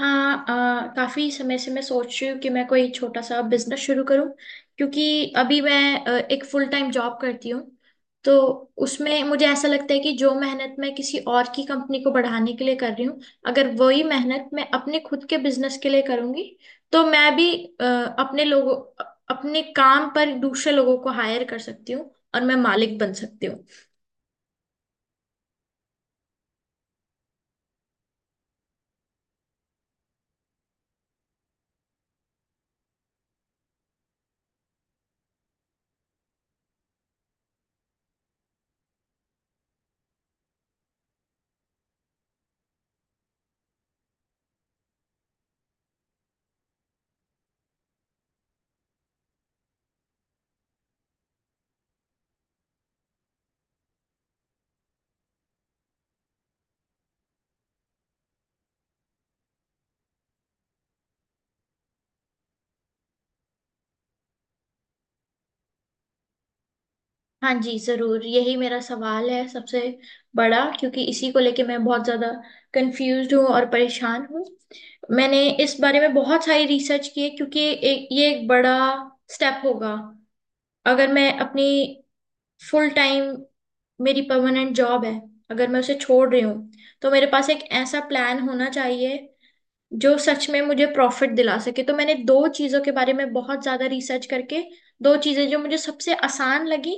हाँ। काफी समय से मैं सोच रही हूँ कि मैं कोई छोटा सा बिजनेस शुरू करूँ क्योंकि अभी मैं एक फुल टाइम जॉब करती हूँ। तो उसमें मुझे ऐसा लगता है कि जो मेहनत मैं किसी और की कंपनी को बढ़ाने के लिए कर रही हूँ, अगर वही मेहनत मैं अपने खुद के बिजनेस के लिए करूँगी तो मैं भी अ, अपने लोगों, अपने काम पर दूसरे लोगों को हायर कर सकती हूँ और मैं मालिक बन सकती हूँ। हाँ जी, जरूर, यही मेरा सवाल है सबसे बड़ा, क्योंकि इसी को लेके मैं बहुत ज्यादा कंफ्यूज्ड हूँ और परेशान हूँ। मैंने इस बारे में बहुत सारी रिसर्च की है क्योंकि एक ये एक बड़ा स्टेप होगा। अगर मैं अपनी फुल टाइम मेरी परमानेंट जॉब है, अगर मैं उसे छोड़ रही हूँ तो मेरे पास एक ऐसा प्लान होना चाहिए जो सच में मुझे प्रॉफिट दिला सके। तो मैंने दो चीजों के बारे में बहुत ज्यादा रिसर्च करके, दो चीजें जो मुझे सबसे आसान लगी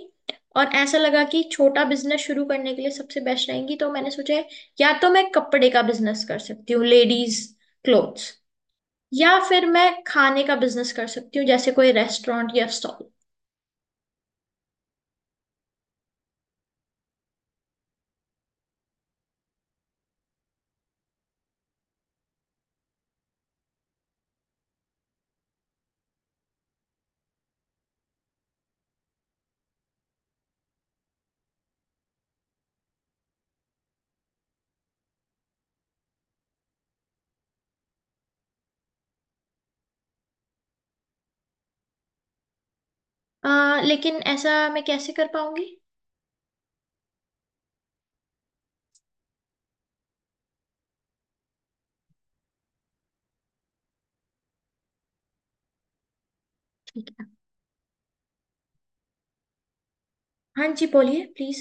और ऐसा लगा कि छोटा बिजनेस शुरू करने के लिए सबसे बेस्ट रहेंगी, तो मैंने सोचा है, या तो मैं कपड़े का बिजनेस कर सकती हूँ, लेडीज क्लोथ्स, या फिर मैं खाने का बिजनेस कर सकती हूँ जैसे कोई रेस्टोरेंट या स्टॉल। लेकिन ऐसा मैं कैसे कर पाऊंगी? ठीक है। हाँ जी, बोलिए प्लीज।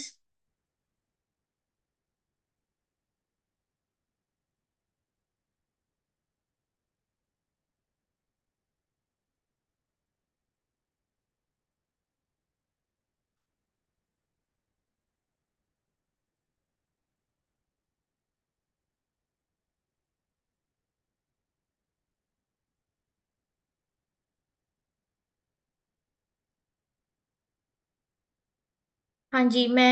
हाँ जी, मैं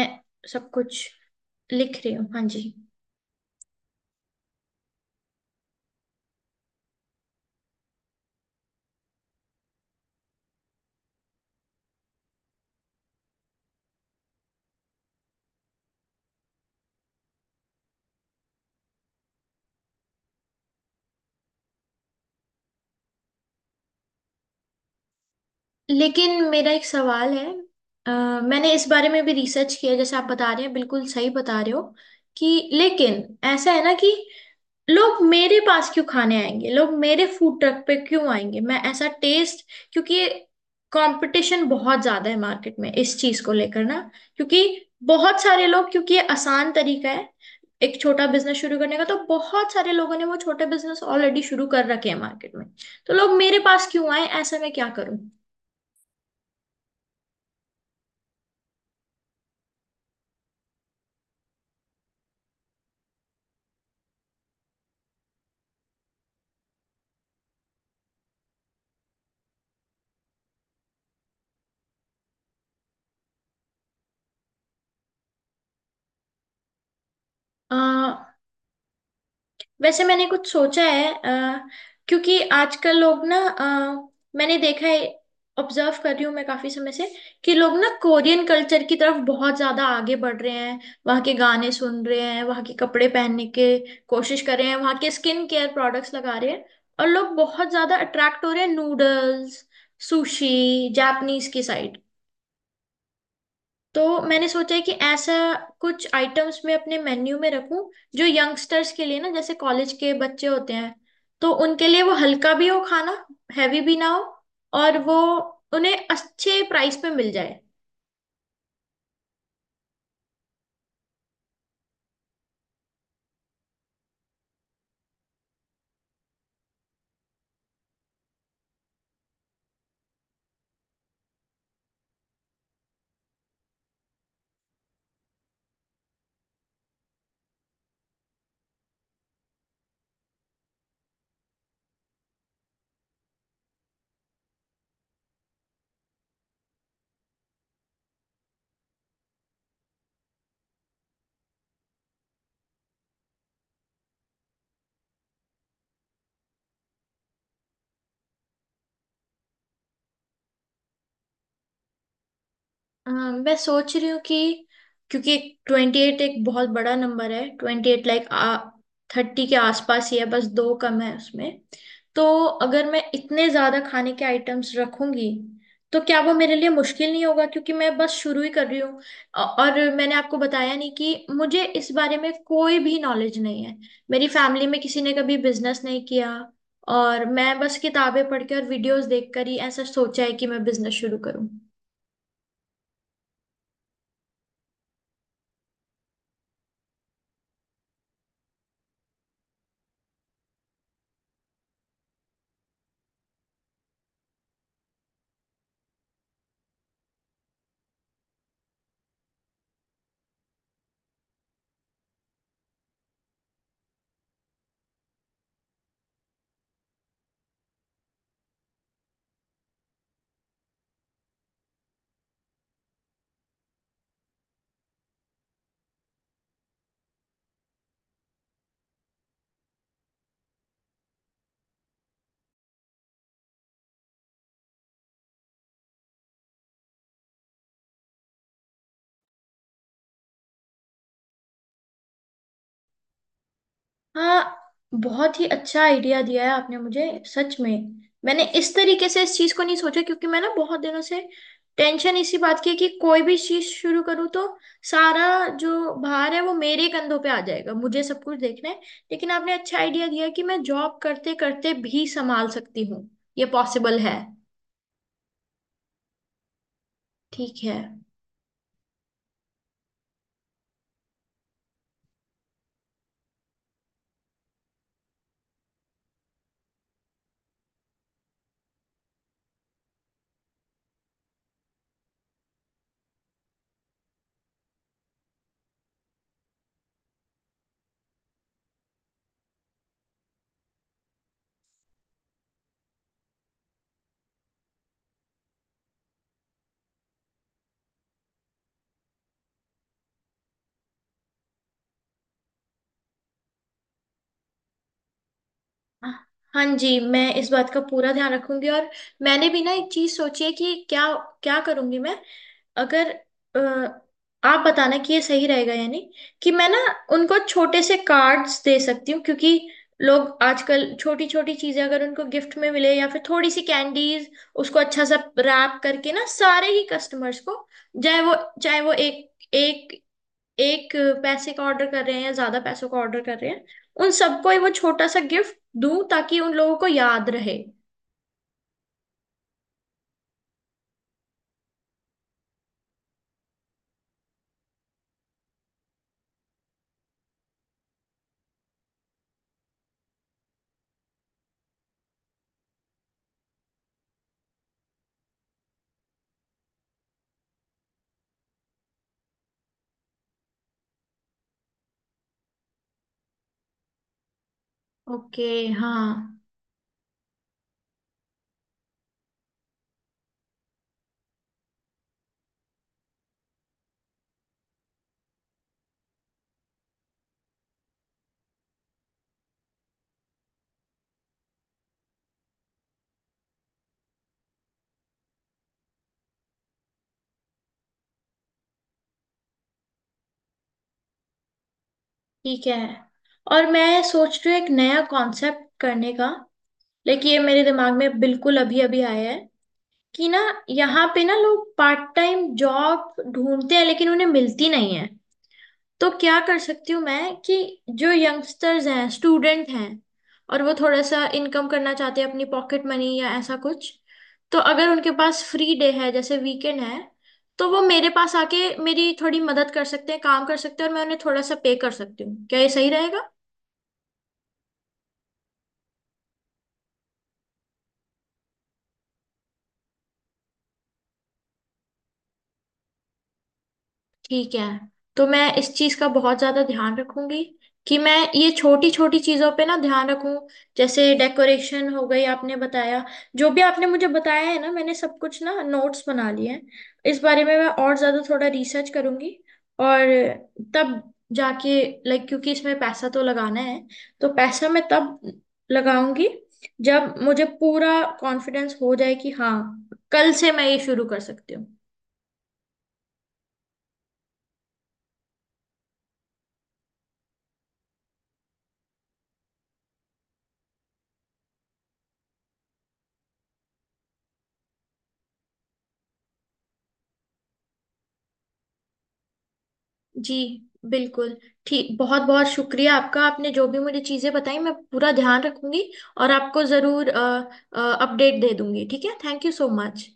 सब कुछ लिख रही हूँ, हाँ जी। लेकिन मेरा एक सवाल है। अ, मैंने इस बारे में भी रिसर्च किया, जैसे आप बता रहे हैं, बिल्कुल सही बता रहे हो कि, लेकिन ऐसा है ना, कि लोग मेरे पास क्यों खाने आएंगे, लोग मेरे फूड ट्रक पे क्यों आएंगे, मैं ऐसा टेस्ट, क्योंकि कंपटीशन बहुत ज्यादा है मार्केट में इस चीज को लेकर ना। क्योंकि बहुत सारे लोग, क्योंकि ये आसान तरीका है एक छोटा बिजनेस शुरू करने का, तो बहुत सारे लोगों ने वो छोटे बिजनेस ऑलरेडी शुरू कर रखे हैं मार्केट में। तो लोग मेरे पास क्यों आए, ऐसा मैं क्या करूं? अ, वैसे मैंने कुछ सोचा है, क्योंकि आजकल लोग ना, मैंने देखा है, ऑब्जर्व कर रही हूँ मैं काफी समय से, कि लोग ना कोरियन कल्चर की तरफ बहुत ज्यादा आगे बढ़ रहे हैं। वहाँ के गाने सुन रहे हैं, वहाँ के कपड़े पहनने के कोशिश कर रहे हैं, वहाँ के स्किन केयर प्रोडक्ट्स लगा रहे हैं, और लोग बहुत ज्यादा अट्रैक्ट हो रहे हैं, नूडल्स, सुशी, जापानीज की साइड। तो मैंने सोचा है कि ऐसा कुछ आइटम्स मैं अपने मेन्यू में रखूं जो यंगस्टर्स के लिए ना, जैसे कॉलेज के बच्चे होते हैं, तो उनके लिए वो हल्का भी हो खाना, हैवी भी ना हो, और वो उन्हें अच्छे प्राइस पे मिल जाए। मैं सोच रही हूँ कि क्योंकि 28 एक बहुत बड़ा नंबर है, 28 लाइक आ 30 के आसपास ही है, बस दो कम है उसमें। तो अगर मैं इतने ज्यादा खाने के आइटम्स रखूंगी तो क्या वो मेरे लिए मुश्किल नहीं होगा, क्योंकि मैं बस शुरू ही कर रही हूँ। और मैंने आपको बताया नहीं कि मुझे इस बारे में कोई भी नॉलेज नहीं है। मेरी फैमिली में किसी ने कभी बिजनेस नहीं किया, और मैं बस किताबें पढ़ के और वीडियोस देखकर ही ऐसा सोचा है कि मैं बिजनेस शुरू करूँ। हाँ, बहुत ही अच्छा आइडिया दिया है आपने मुझे, सच में। मैंने इस तरीके से इस चीज को नहीं सोचा, क्योंकि मैं ना बहुत दिनों से टेंशन इसी बात की है कि कोई भी चीज शुरू करूँ तो सारा जो भार है वो मेरे कंधों पे आ जाएगा, मुझे सब कुछ देखना है। लेकिन आपने अच्छा आइडिया दिया है कि मैं जॉब करते करते भी संभाल सकती हूँ, ये पॉसिबल है। ठीक है। हाँ जी, मैं इस बात का पूरा ध्यान रखूंगी, और मैंने भी ना एक चीज सोची है कि क्या क्या करूंगी मैं अगर, अ, आप बताना कि ये सही रहेगा या नहीं, कि मैं ना उनको छोटे से कार्ड्स दे सकती हूँ, क्योंकि लोग आजकल छोटी छोटी चीजें अगर उनको गिफ्ट में मिले, या फिर थोड़ी सी कैंडीज, उसको अच्छा सा रैप करके ना, सारे ही कस्टमर्स को, चाहे वो चाहे वो एक एक एक पैसे का ऑर्डर कर रहे हैं या ज्यादा पैसों का ऑर्डर कर रहे हैं, उन सबको ही वो छोटा सा गिफ्ट दूं ताकि उन लोगों को याद रहे। ओके। हाँ। ठीक है। और मैं सोच रही हूँ एक नया कॉन्सेप्ट करने का, लेकिन ये मेरे दिमाग में बिल्कुल अभी अभी आया है, कि ना, यहाँ पे ना लोग पार्ट टाइम जॉब ढूंढते हैं लेकिन उन्हें मिलती नहीं है। तो क्या कर सकती हूँ मैं, कि जो यंगस्टर्स हैं, स्टूडेंट हैं, और वो थोड़ा सा इनकम करना चाहते हैं, अपनी पॉकेट मनी या ऐसा कुछ, तो अगर उनके पास फ्री डे है जैसे वीकेंड है, तो वो मेरे पास आके मेरी थोड़ी मदद कर सकते हैं, काम कर सकते हैं, और मैं उन्हें थोड़ा सा पे कर सकती हूँ, क्या ये सही रहेगा? ठीक है। तो मैं इस चीज का बहुत ज्यादा ध्यान रखूंगी कि मैं ये छोटी छोटी चीजों पे ना ध्यान रखूं, जैसे डेकोरेशन हो गई, आपने बताया। जो भी आपने मुझे बताया है ना, मैंने सब कुछ ना नोट्स बना लिए हैं। इस बारे में मैं और ज्यादा थोड़ा रिसर्च करूंगी, और तब जाके, लाइक, क्योंकि इसमें पैसा तो लगाना है, तो पैसा मैं तब लगाऊंगी जब मुझे पूरा कॉन्फिडेंस हो जाए कि हाँ, कल से मैं ये शुरू कर सकती हूँ। जी, बिल्कुल। ठीक, बहुत बहुत शुक्रिया आपका, आपने जो भी मुझे चीज़ें बताई मैं पूरा ध्यान रखूंगी, और आपको ज़रूर अपडेट दे दूंगी, ठीक है, थैंक यू सो मच।